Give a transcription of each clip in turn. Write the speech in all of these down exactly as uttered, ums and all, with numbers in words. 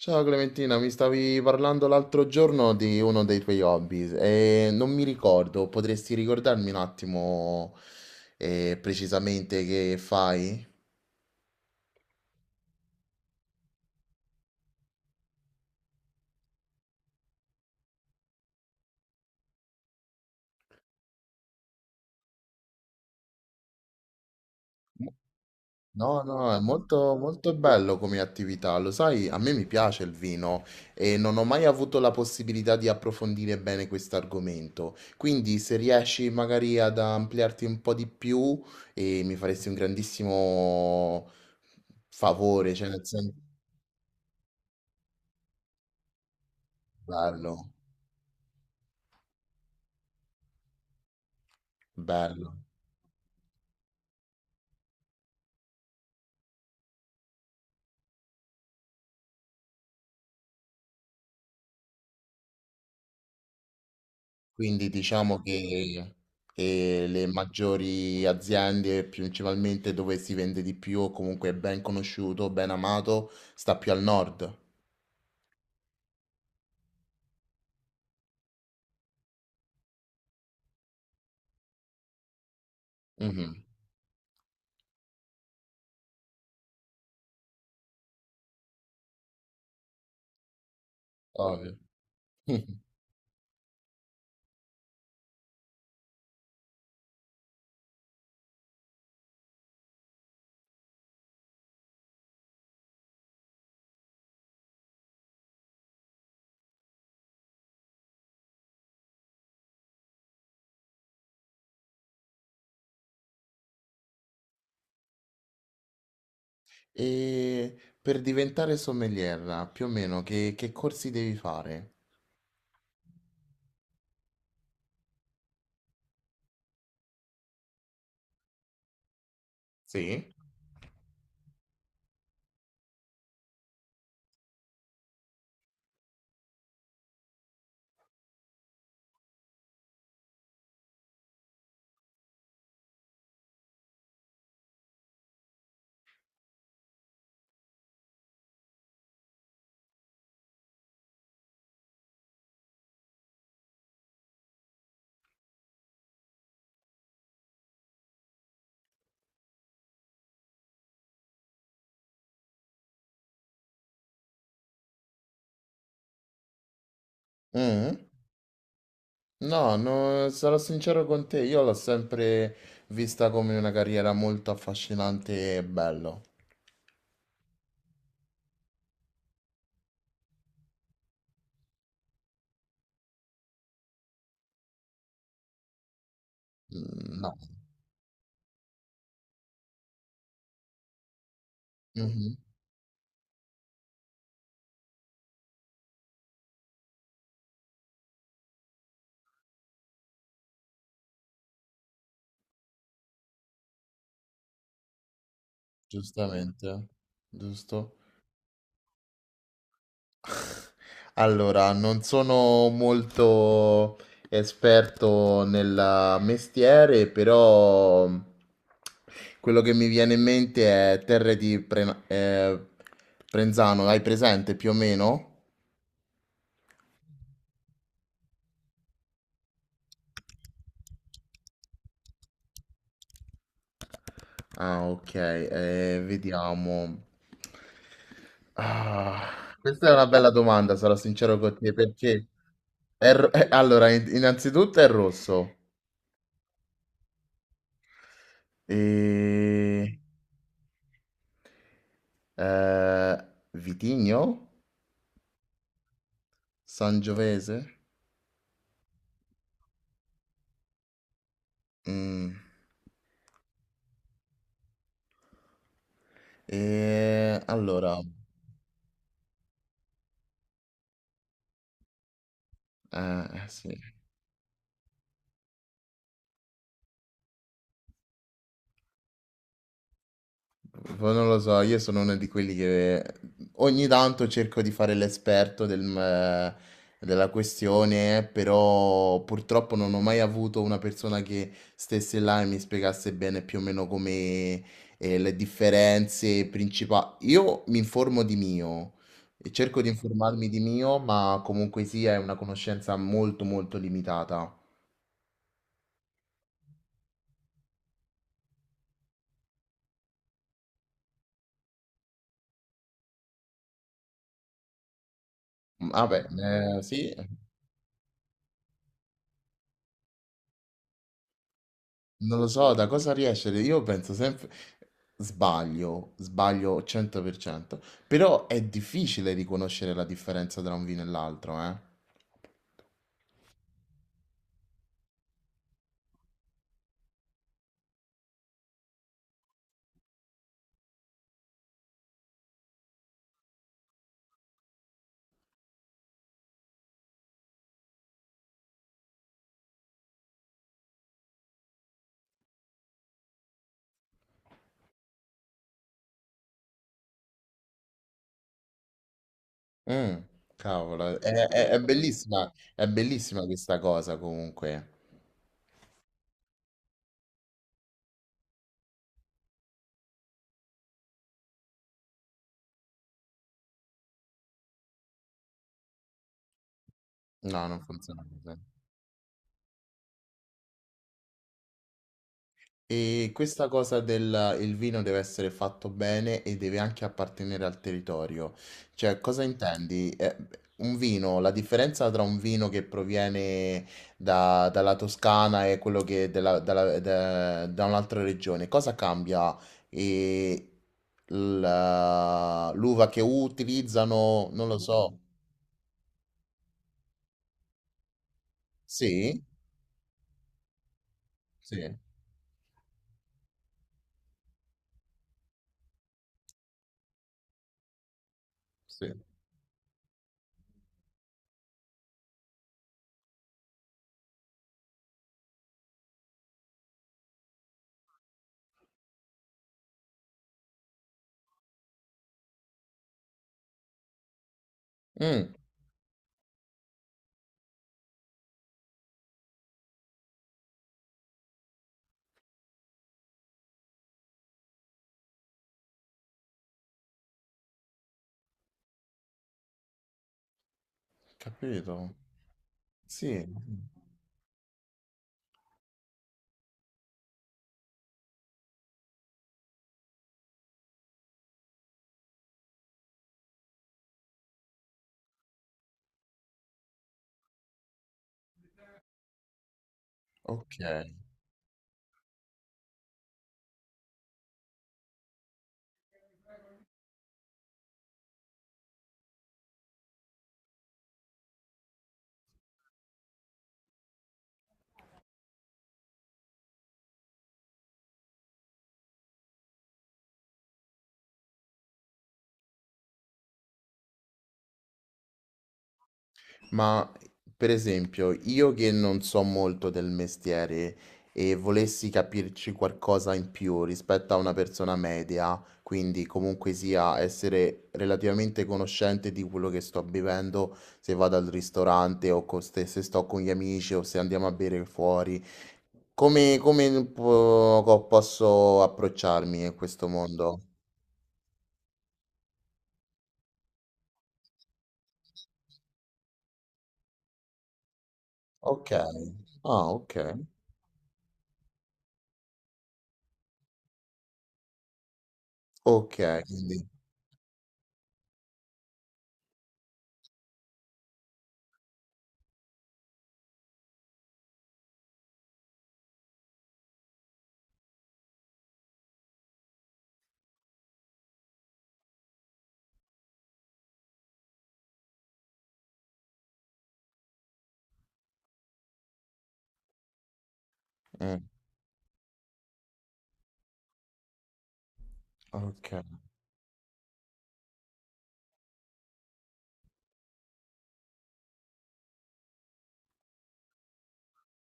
Ciao Clementina, mi stavi parlando l'altro giorno di uno dei tuoi hobby e non mi ricordo, potresti ricordarmi un attimo eh, precisamente che fai? No, no, è molto, molto bello come attività, lo sai, a me mi piace il vino e non ho mai avuto la possibilità di approfondire bene questo argomento, quindi se riesci magari ad ampliarti un po' di più eh, mi faresti un grandissimo favore, cioè nel senso bello. Bello. Quindi diciamo che eh, le maggiori aziende, principalmente dove si vende di più, o comunque è ben conosciuto, ben amato, sta più al nord. Mhm, ovvio. E per diventare sommelier, più o meno, che, che corsi devi fare? Sì. Mm? No, no, sarò sincero con te, io l'ho sempre vista come una carriera molto affascinante e bello. Mm. No. Giustamente, giusto? Allora, non sono molto esperto nel mestiere, però quello che mi viene in mente è Terre di Pre- eh, Prenzano, hai presente più o meno? Ah, ok, eh, vediamo. Ah, questa è una bella domanda, sarò sincero con te, perché è ro- allora, in- innanzitutto è rosso. E... Eh, vitigno? Sangiovese? Mm. E allora, eh, eh, sì. Poi non lo so, io sono uno di quelli che ogni tanto cerco di fare l'esperto del- eh, della questione, però purtroppo non ho mai avuto una persona che stesse là e mi spiegasse bene più o meno come eh, le differenze principali. Io mi informo di mio e cerco di informarmi di mio, ma comunque sia è una conoscenza molto molto limitata. Vabbè, eh, sì. Non lo so, da cosa riesce? Io penso sempre, sbaglio, sbaglio cento per cento, però è difficile riconoscere la differenza tra un vino e l'altro, eh? Mm, cavolo, è, è- è bellissima, è bellissima questa cosa comunque. No, non funziona così. E questa cosa del il vino deve essere fatto bene e deve anche appartenere al territorio. Cioè, cosa intendi? Eh, un vino, la differenza tra un vino che proviene da- dalla Toscana e quello che della- dalla- da da un'altra regione, cosa cambia? E la- l'uva che utilizzano, non lo so. Sì, sì, sì. Mm, capito. Sì, ok. Ma per esempio, io che non so molto del mestiere e volessi capirci qualcosa in più rispetto a una persona media, quindi comunque sia essere relativamente conoscente di quello che sto bevendo, se vado al ristorante o co- se se sto con gli amici o se andiamo a bere fuori, come, come po- co- posso approcciarmi in questo mondo? Ok, ah, ok, ok, quindi, mm, ok.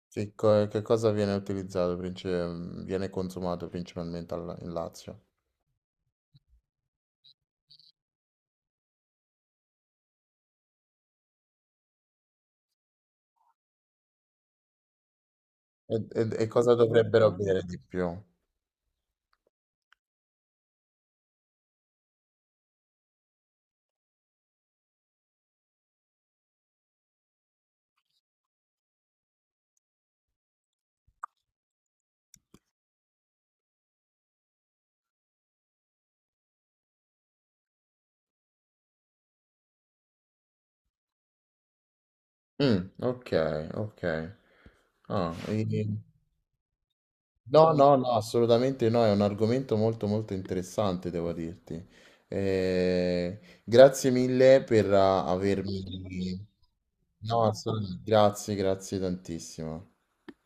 Che co che cosa viene utilizzato princi ehm, viene consumato principalmente al in Lazio? E e e cosa dovrebbero, mh, bere di più? Mh, okay, okay. Ah, ehm, no, no, no, assolutamente no, è un argomento molto, molto interessante devo dirti. Ehm, grazie mille per ah, avermi no, assolutamen grazie, grazie tantissimo.